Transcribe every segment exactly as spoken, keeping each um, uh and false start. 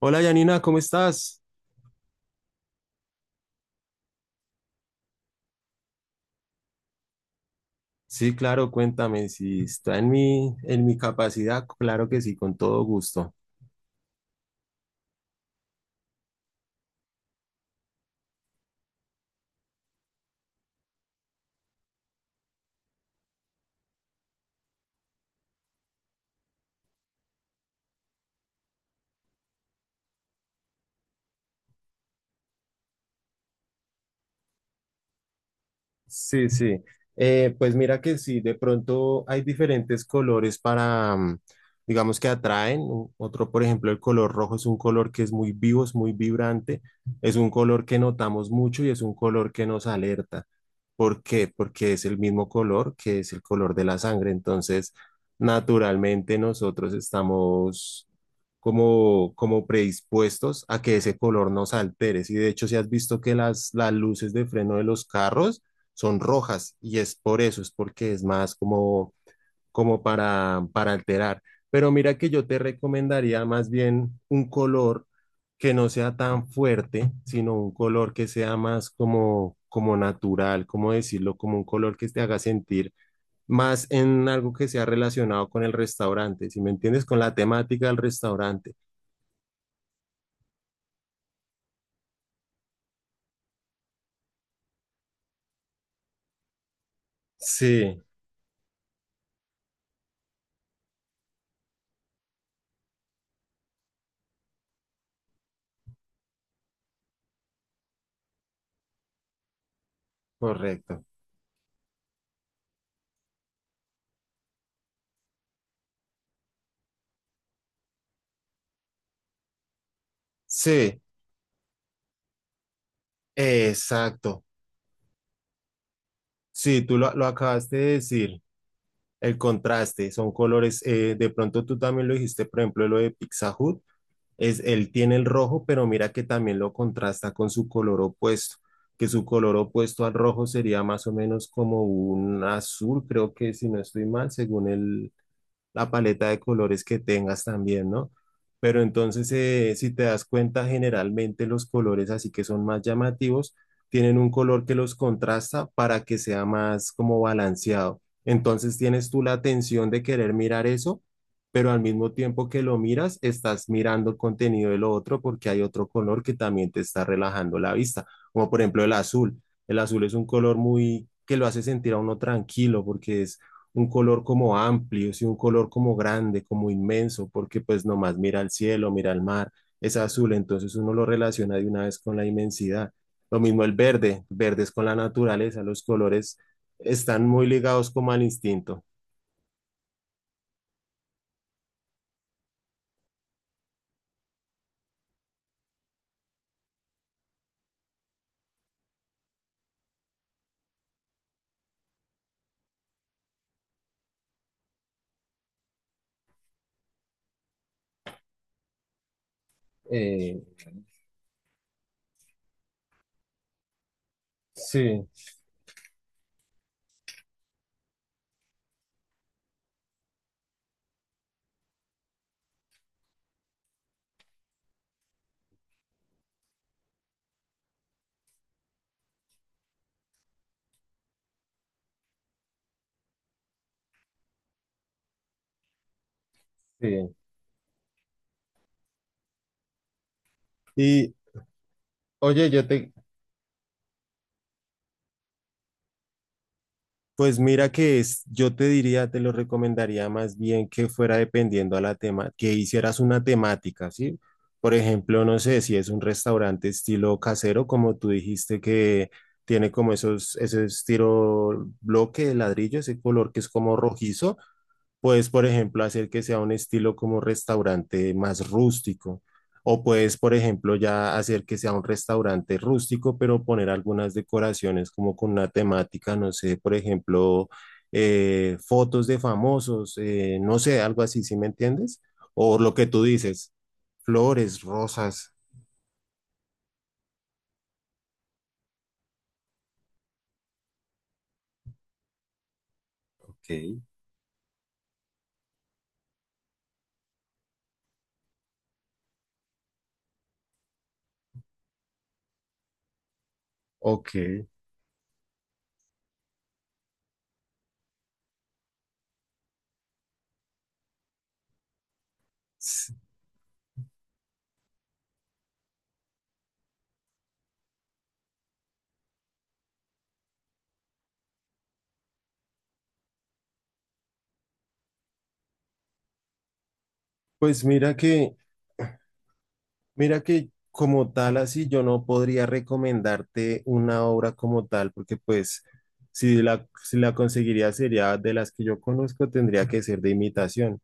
Hola Yanina, ¿cómo estás? Sí, claro, cuéntame si está en mi, en mi capacidad, claro que sí, con todo gusto. Sí, sí. Eh, pues mira que sí, de pronto hay diferentes colores para, mm, digamos que atraen. U- Otro, por ejemplo, el color rojo es un color que es muy vivo, es muy vibrante, es un color que notamos mucho y es un color que nos alerta. ¿Por qué? Porque es el mismo color que es el color de la sangre. Entonces, naturalmente nosotros estamos como, como predispuestos a que ese color nos altere. Y de hecho, si has visto que las, las luces de freno de los carros son rojas y es por eso, es porque es más como, como para, para alterar. Pero mira que yo te recomendaría más bien un color que no sea tan fuerte, sino un color que sea más como, como natural, como decirlo, como un color que te haga sentir más en algo que sea relacionado con el restaurante, si me entiendes, con la temática del restaurante. Sí, correcto. Sí, exacto. Sí, tú lo, lo acabaste de decir. El contraste, son colores, eh, de pronto tú también lo dijiste, por ejemplo, lo de Pizza Hut, es, él tiene el rojo, pero mira que también lo contrasta con su color opuesto, que su color opuesto al rojo sería más o menos como un azul, creo que si no estoy mal, según el, la paleta de colores que tengas también, ¿no? Pero entonces, eh, si te das cuenta, generalmente los colores así que son más llamativos tienen un color que los contrasta para que sea más como balanceado. Entonces tienes tú la atención de querer mirar eso, pero al mismo tiempo que lo miras, estás mirando el contenido de lo otro porque hay otro color que también te está relajando la vista, como por ejemplo el azul. El azul es un color muy que lo hace sentir a uno tranquilo porque es un color como amplio, sí, un color como grande, como inmenso, porque pues nomás mira al cielo, mira al mar, es azul, entonces uno lo relaciona de una vez con la inmensidad. Lo mismo el verde, verde es con la naturaleza, los colores están muy ligados como al instinto. Eh, sí, sí. Y oye, yo te, pues mira que es, yo te diría, te lo recomendaría más bien que fuera dependiendo a la tema, que hicieras una temática, ¿sí? Por ejemplo, no sé si es un restaurante estilo casero, como tú dijiste que tiene como esos, ese estilo bloque de ladrillo, ese color que es como rojizo. Puedes, por ejemplo, hacer que sea un estilo como restaurante más rústico. O puedes, por ejemplo, ya hacer que sea un restaurante rústico, pero poner algunas decoraciones como con una temática, no sé, por ejemplo, eh, fotos de famosos, eh, no sé, algo así, ¿sí me entiendes? O lo que tú dices, flores, rosas. Ok. Ok. S- Pues mira que, mira que como tal, así yo no podría recomendarte una obra como tal, porque pues si la, si la conseguiría sería de las que yo conozco, tendría que ser de imitación.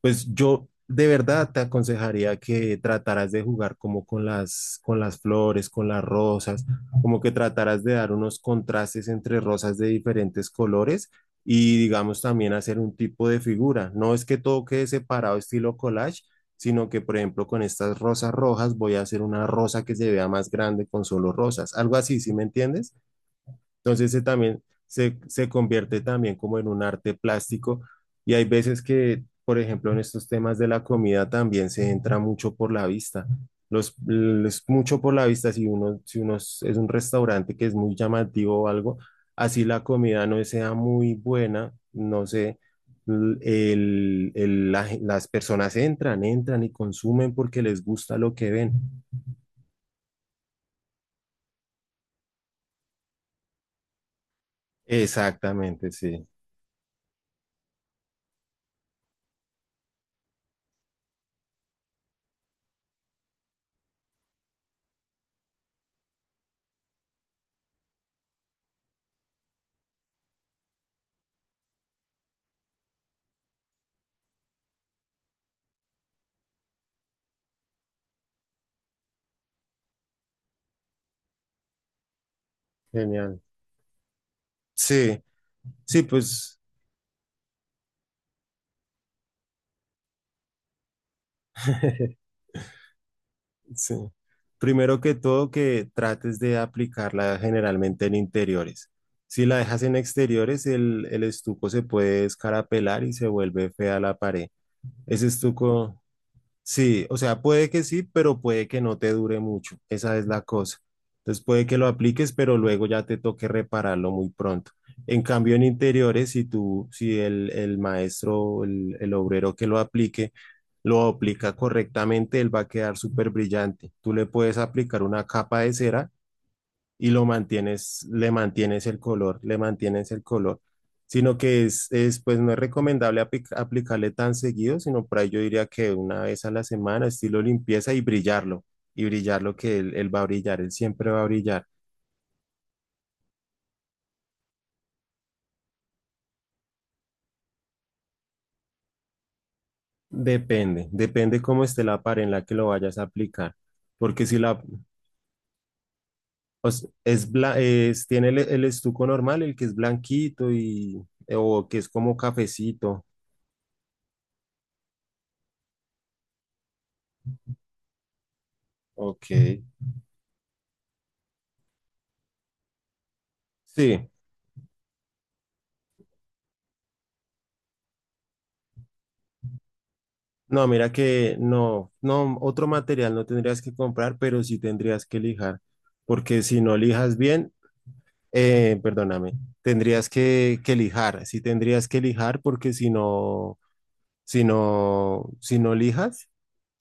Pues yo de verdad te aconsejaría que trataras de jugar como con las, con las flores, con las rosas, como que trataras de dar unos contrastes entre rosas de diferentes colores y digamos también hacer un tipo de figura. No es que todo quede separado estilo collage, sino que por ejemplo con estas rosas rojas voy a hacer una rosa que se vea más grande con solo rosas. Algo así, ¿sí me entiendes? Entonces se también se, se convierte también como en un arte plástico y hay veces que, por ejemplo, en estos temas de la comida también se entra mucho por la vista. Los, es mucho por la vista, si uno, si uno es es un restaurante que es muy llamativo o algo, así la comida no sea muy buena, no sé, l- el- el- la- las personas entran, entran y consumen porque les gusta lo que ven. Exactamente, sí. Genial. Sí, sí, pues sí. Primero que todo, que trates de aplicarla generalmente en interiores. Si la dejas en exteriores, el, el estuco se puede escarapelar y se vuelve fea la pared. Ese estuco, sí, o sea, puede que sí, pero puede que no te dure mucho. Esa es la cosa. Entonces puede que lo apliques, pero luego ya te toque repararlo muy pronto. En cambio, en interiores, si tú, si el, el maestro, o el, el obrero que lo aplique, lo aplica correctamente, él va a quedar súper brillante. Tú le puedes aplicar una capa de cera y lo mantienes, le mantienes el color, le mantienes el color, sino que es, es, pues no es recomendable aplic- aplicarle tan seguido, sino por ahí yo diría que una vez a la semana, estilo limpieza y brillarlo, y brillarlo que él, él va a brillar, él siempre va a brillar. Depende, depende cómo esté la pared en la que lo vayas a aplicar, porque si la o s- es, bla- es tiene el, el estuco normal, el que es blanquito y o que es como cafecito. Ok. Sí, no, mira que no, no, otro material no tendrías que comprar, pero sí tendrías que lijar, porque si no lijas bien, eh, perdóname, tendrías que, que lijar, sí tendrías que lijar, porque si no, si no, si no lijas,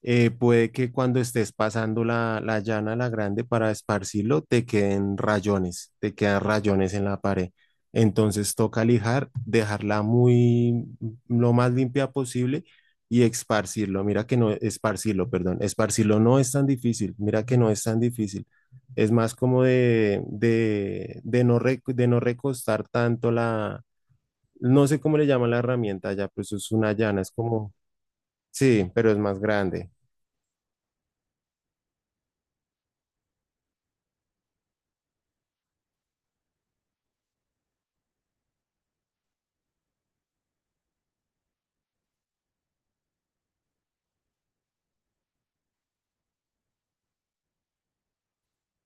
eh, puede que cuando estés pasando la, la llana, la grande, para esparcirlo, te queden rayones, te quedan rayones en la pared. Entonces toca lijar, dejarla muy, lo más limpia posible y esparcirlo. Mira que no, esparcirlo, perdón, esparcirlo no es tan difícil, mira que no es tan difícil. Es más como de, de, de no, rec- de no recostar tanto la, no sé cómo le llaman la herramienta ya, pues es una llana, es como, sí, pero es más grande.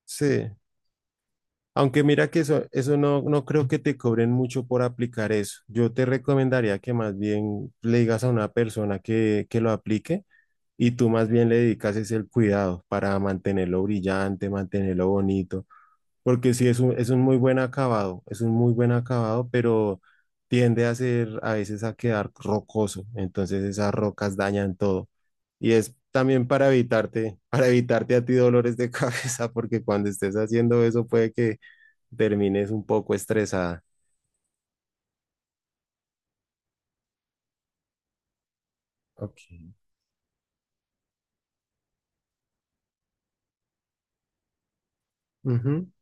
Sí. Aunque mira que eso, eso no, no creo que te cobren mucho por aplicar eso. Yo te recomendaría que más bien le digas a una persona que, que lo aplique y tú más bien le dedicas es el cuidado para mantenerlo brillante, mantenerlo bonito porque sí es un, es un muy buen acabado, es un muy buen acabado, pero tiende a ser a veces a quedar rocoso, entonces esas rocas dañan todo. Y es también para evitarte, para evitarte a ti dolores de cabeza, porque cuando estés haciendo eso puede que termines un poco estresada. Ok. Ujú.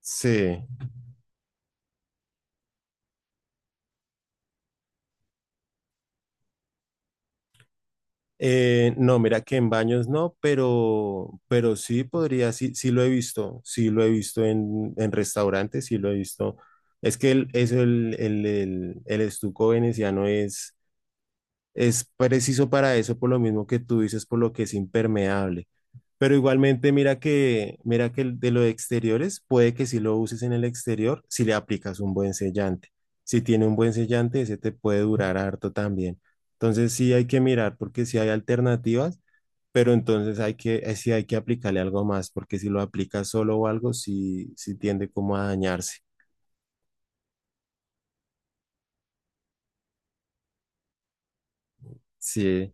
Sí. Eh, no, mira que en baños no, pero, pero sí podría, sí, sí lo he visto, sí lo he visto en, en restaurantes, sí lo he visto. Es que el, es el, el, el, el estuco veneciano es, es preciso para eso, por lo mismo que tú dices, por lo que es impermeable. Pero igualmente, mira que, mira que el de los exteriores, puede que si lo uses en el exterior, si le aplicas un buen sellante. Si tiene un buen sellante, ese te puede durar harto también. Entonces sí hay que mirar porque sí hay alternativas, pero entonces hay que, eh, sí hay que aplicarle algo más, porque si lo aplicas solo o algo, sí, sí tiende como a dañarse. Sí.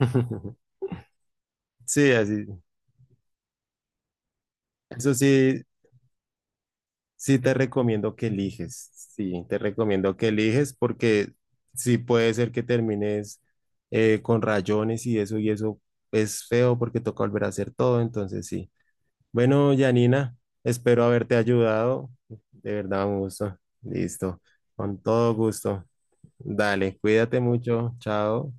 Sí, así. Eso sí, sí, te recomiendo que eliges, sí, te recomiendo que eliges porque sí puede ser que termines eh, con rayones y eso, y eso es feo porque toca volver a hacer todo, entonces sí. Bueno, Janina, espero haberte ayudado, de verdad un gusto, listo, con todo gusto. Dale, cuídate mucho, chao.